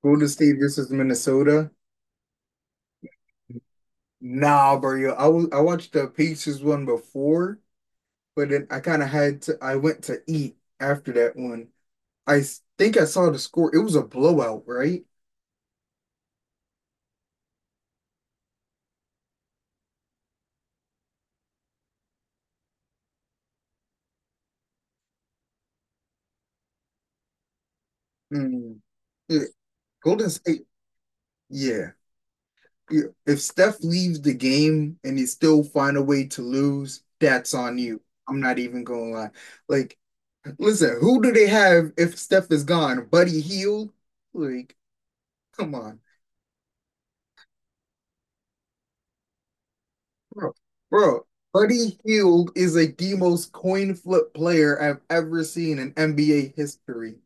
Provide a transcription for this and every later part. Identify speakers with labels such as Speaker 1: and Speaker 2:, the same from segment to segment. Speaker 1: Golden State versus Minnesota. Nah, bro. I watched the Pacers one before, but then I kind of had to. I went to eat after that one. I think I saw the score. It was a blowout, right? Mm. Yeah. Golden State. Yeah. Yeah. If Steph leaves the game and they still find a way to lose, that's on you. I'm not even gonna lie. Like, listen, who do they have if Steph is gone? Buddy Hield? Like, come on. Bro, bro, Buddy Hield is like the most coin flip player I've ever seen in NBA history.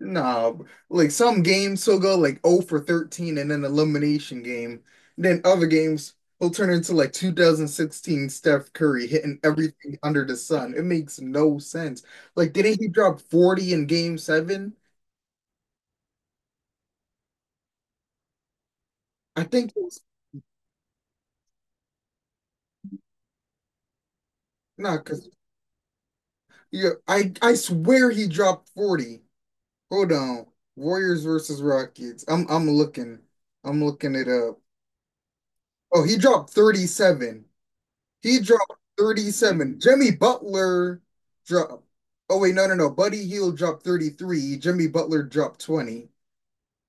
Speaker 1: Nah, bro. Like some games he'll go like 0 for 13 in an elimination game. Then other games he'll turn into like 2016 Steph Curry hitting everything under the sun. It makes no sense. Like, didn't he drop 40 in game seven? I think it was not because yeah, I swear he dropped 40. Hold on. Warriors versus Rockets. I'm looking. I'm looking it up. Oh, he dropped 37. He dropped 37. Jimmy Butler dropped. Oh wait, no, no, no. Buddy Hield dropped 33. Jimmy Butler dropped 20.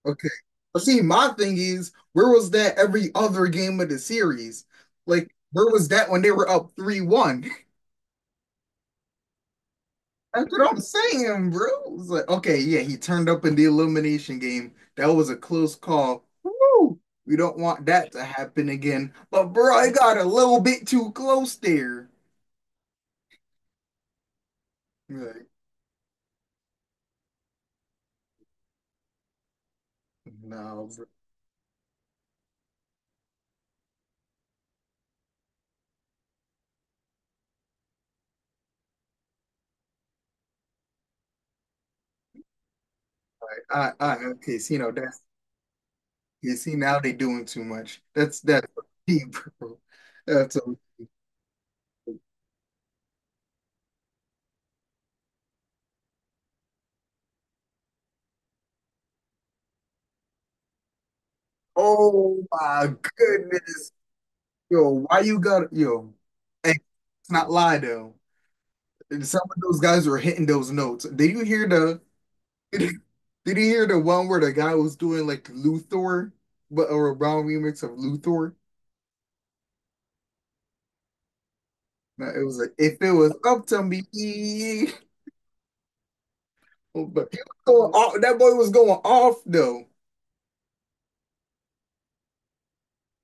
Speaker 1: Okay. But see, my thing is, where was that every other game of the series? Like, where was that when they were up 3-1? That's what I'm saying, bro. It's like, okay, yeah, he turned up in the elimination game. That was a close call. Woo! We don't want that to happen again. But bro, I got a little bit too close there. Like, no, bro. I, okay, see, you know that's you see now they doing too much. That's deep, bro. That's a, oh my goodness, yo, why you got yo? Hey, let's not lie though. Some of those guys were hitting those notes. Did you hear the? Did you hear the one where the guy was doing like Luthor, but or a brown remix of Luthor? No, it was like if it was up to me, but he was going off, that boy was going off though.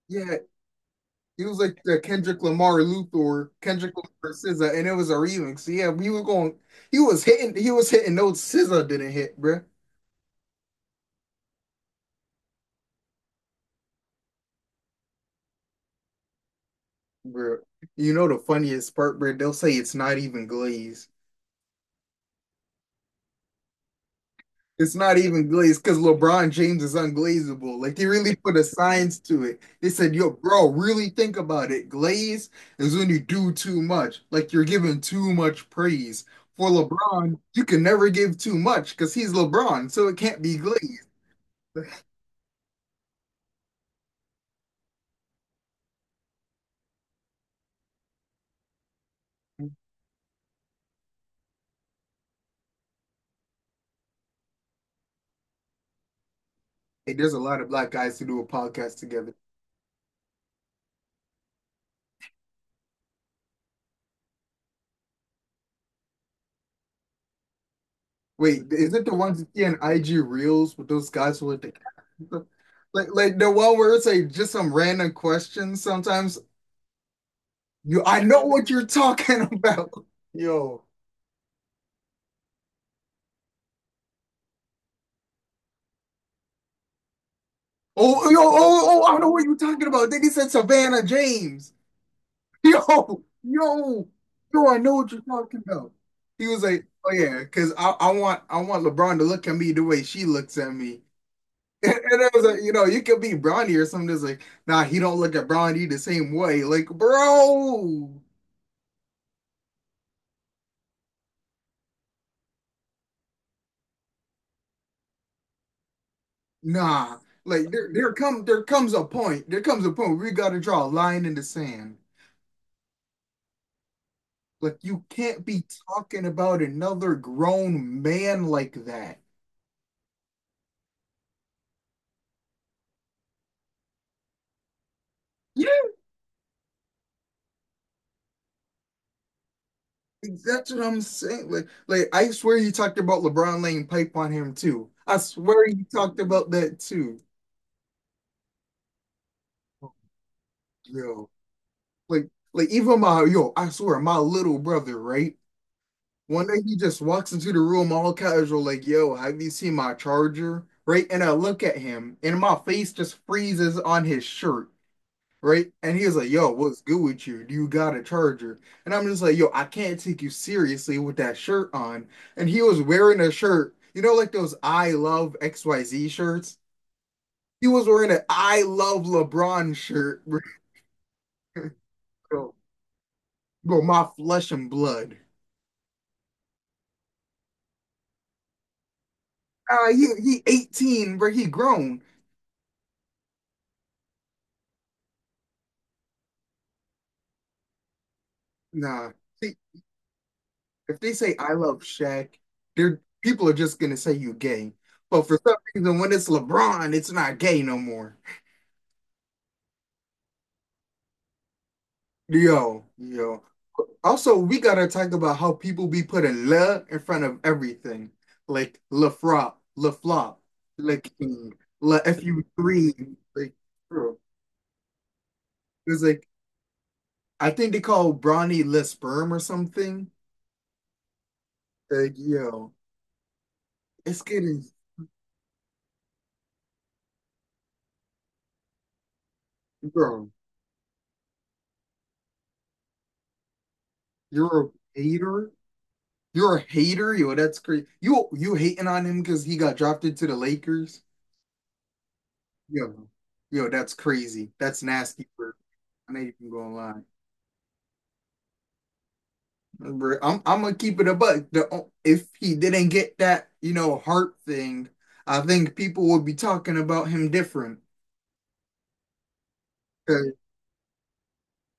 Speaker 1: Yeah, he was like the Kendrick Lamar Luthor, Kendrick Lamar SZA, and it was a remix. So yeah, he was going, he was hitting notes SZA didn't hit, bruh. Bruh, you know the funniest part, bruh? They'll say it's not even glazed. It's not even glazed because LeBron James is unglazable. Like they really put a science to it. They said, "Yo, bro, really think about it. Glaze is when you do too much. Like you're giving too much praise." For LeBron, you can never give too much because he's LeBron, so it can't be glazed. Hey, there's a lot of black guys who do a podcast together. Wait, is it the ones you see on IG Reels with those guys with the like the one where it's like just some random questions sometimes? You, I know what you're talking about, yo. Oh, yo, oh, oh, I know what you're talking about. Then he said Savannah James. Yo, yo, yo, I know what you're talking about. He was like, oh yeah, because I want LeBron to look at me the way she looks at me. And, I was like, you know, you could be Bronny or something that's like, nah, he don't look at Bronny the same way. Like, bro, nah. Like there comes a point. There comes a point where we gotta draw a line in the sand. Like you can't be talking about another grown man like that. Yeah. Like, that's what I'm saying. Like, I swear you talked about LeBron laying pipe on him too. I swear you talked about that too. Yo. Like like even my yo, I swear my little brother, right? One day he just walks into the room all casual, like, yo, have you seen my charger? Right? And I look at him and my face just freezes on his shirt. Right? And he was like, "Yo, what's good with you? Do you got a charger?" And I'm just like, "Yo, I can't take you seriously with that shirt on." And he was wearing a shirt, you know, like those I love XYZ shirts. He was wearing an I love LeBron shirt, bro. Bro, bro, my flesh and blood. He 18, bro. He grown. Nah, see, if they say I love Shaq, they're people are just gonna say you gay. But for some reason, when it's LeBron, it's not gay no more. Yo, yo. Also, we gotta talk about how people be putting le in front of everything. Like le frop, le flop, le king, le FU3. Like, bro. It's like, I think they call Bronny le sperm or something. Like, yo, it's getting, bro, you're a hater. You're a hater, yo, that's crazy. You hating on him because he got drafted to the Lakers? Yo, yo, that's crazy. That's nasty, bro. I ain't even gonna lie. I'm gonna keep it a buck. The, if he didn't get that, you know, heart thing, I think people would be talking about him different. 'Cause,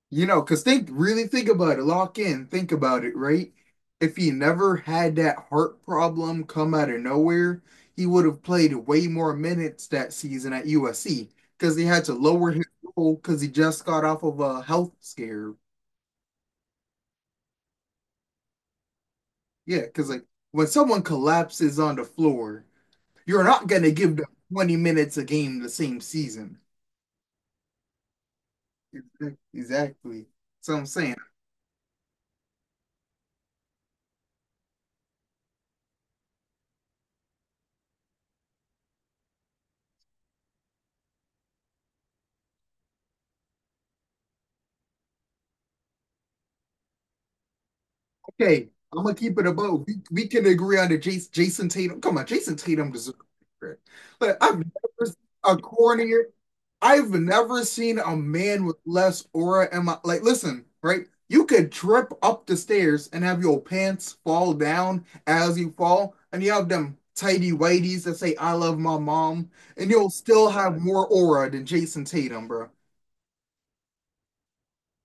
Speaker 1: you know, because think really think about it, lock in, think about it, right? If he never had that heart problem come out of nowhere, he would have played way more minutes that season at USC because he had to lower his role because he just got off of a health scare. Yeah, because like when someone collapses on the floor. You're not going to give them 20 minutes a game the same season. Exactly. So I'm saying. Okay, I'm gonna keep it above. We can agree on the Jason Tatum. Come on, Jason Tatum deserves it. But I've never seen a cornier. I've never seen a man with less aura. And my, like, listen, right? You could trip up the stairs and have your pants fall down as you fall, and you have them tidy whities that say "I love my mom," and you'll still have more aura than Jason Tatum, bro.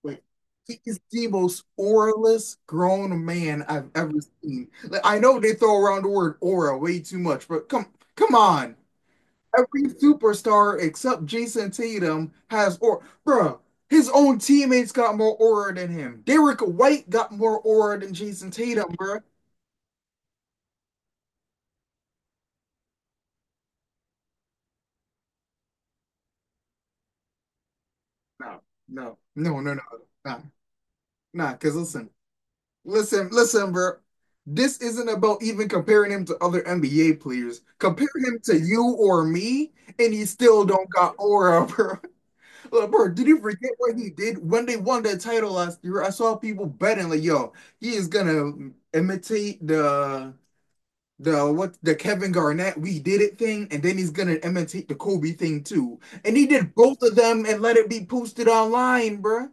Speaker 1: Like he is the most oralist grown man I've ever seen. Like I know they throw around the word aura way too much, but come on. Every superstar except Jason Tatum has aura. Bruh, his own teammates got more aura than him. Derek White got more aura than Jason Tatum, bruh. No, no, no, no, no, nah, nah. Because listen, Listen, bro. This isn't about even comparing him to other NBA players. Compare him to you or me, and he still don't got aura, bro. Look, bro, did you forget what he did when they won that title last year? I saw people betting like, yo, he is gonna imitate the Kevin Garnett we did it thing, and then he's gonna imitate the Kobe thing too. And he did both of them and let it be posted online, bro.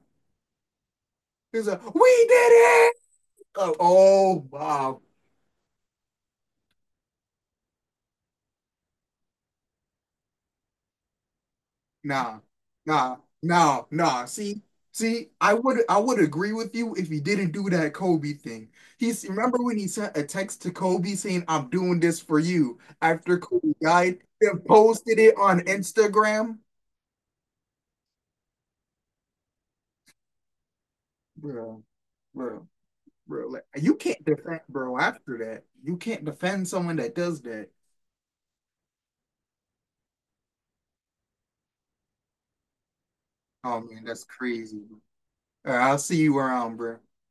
Speaker 1: He's like, we did it. Oh, oh, wow, nah, nah, nah, nah. See, I would agree with you if he didn't do that Kobe thing. He's remember when he sent a text to Kobe saying, I'm doing this for you after Kobe died, then posted it on Instagram. Bro, bro, bro. Like, you can't defend bro after that. You can't defend someone that does that. Oh man, that's crazy. All right, I'll see you around, bro.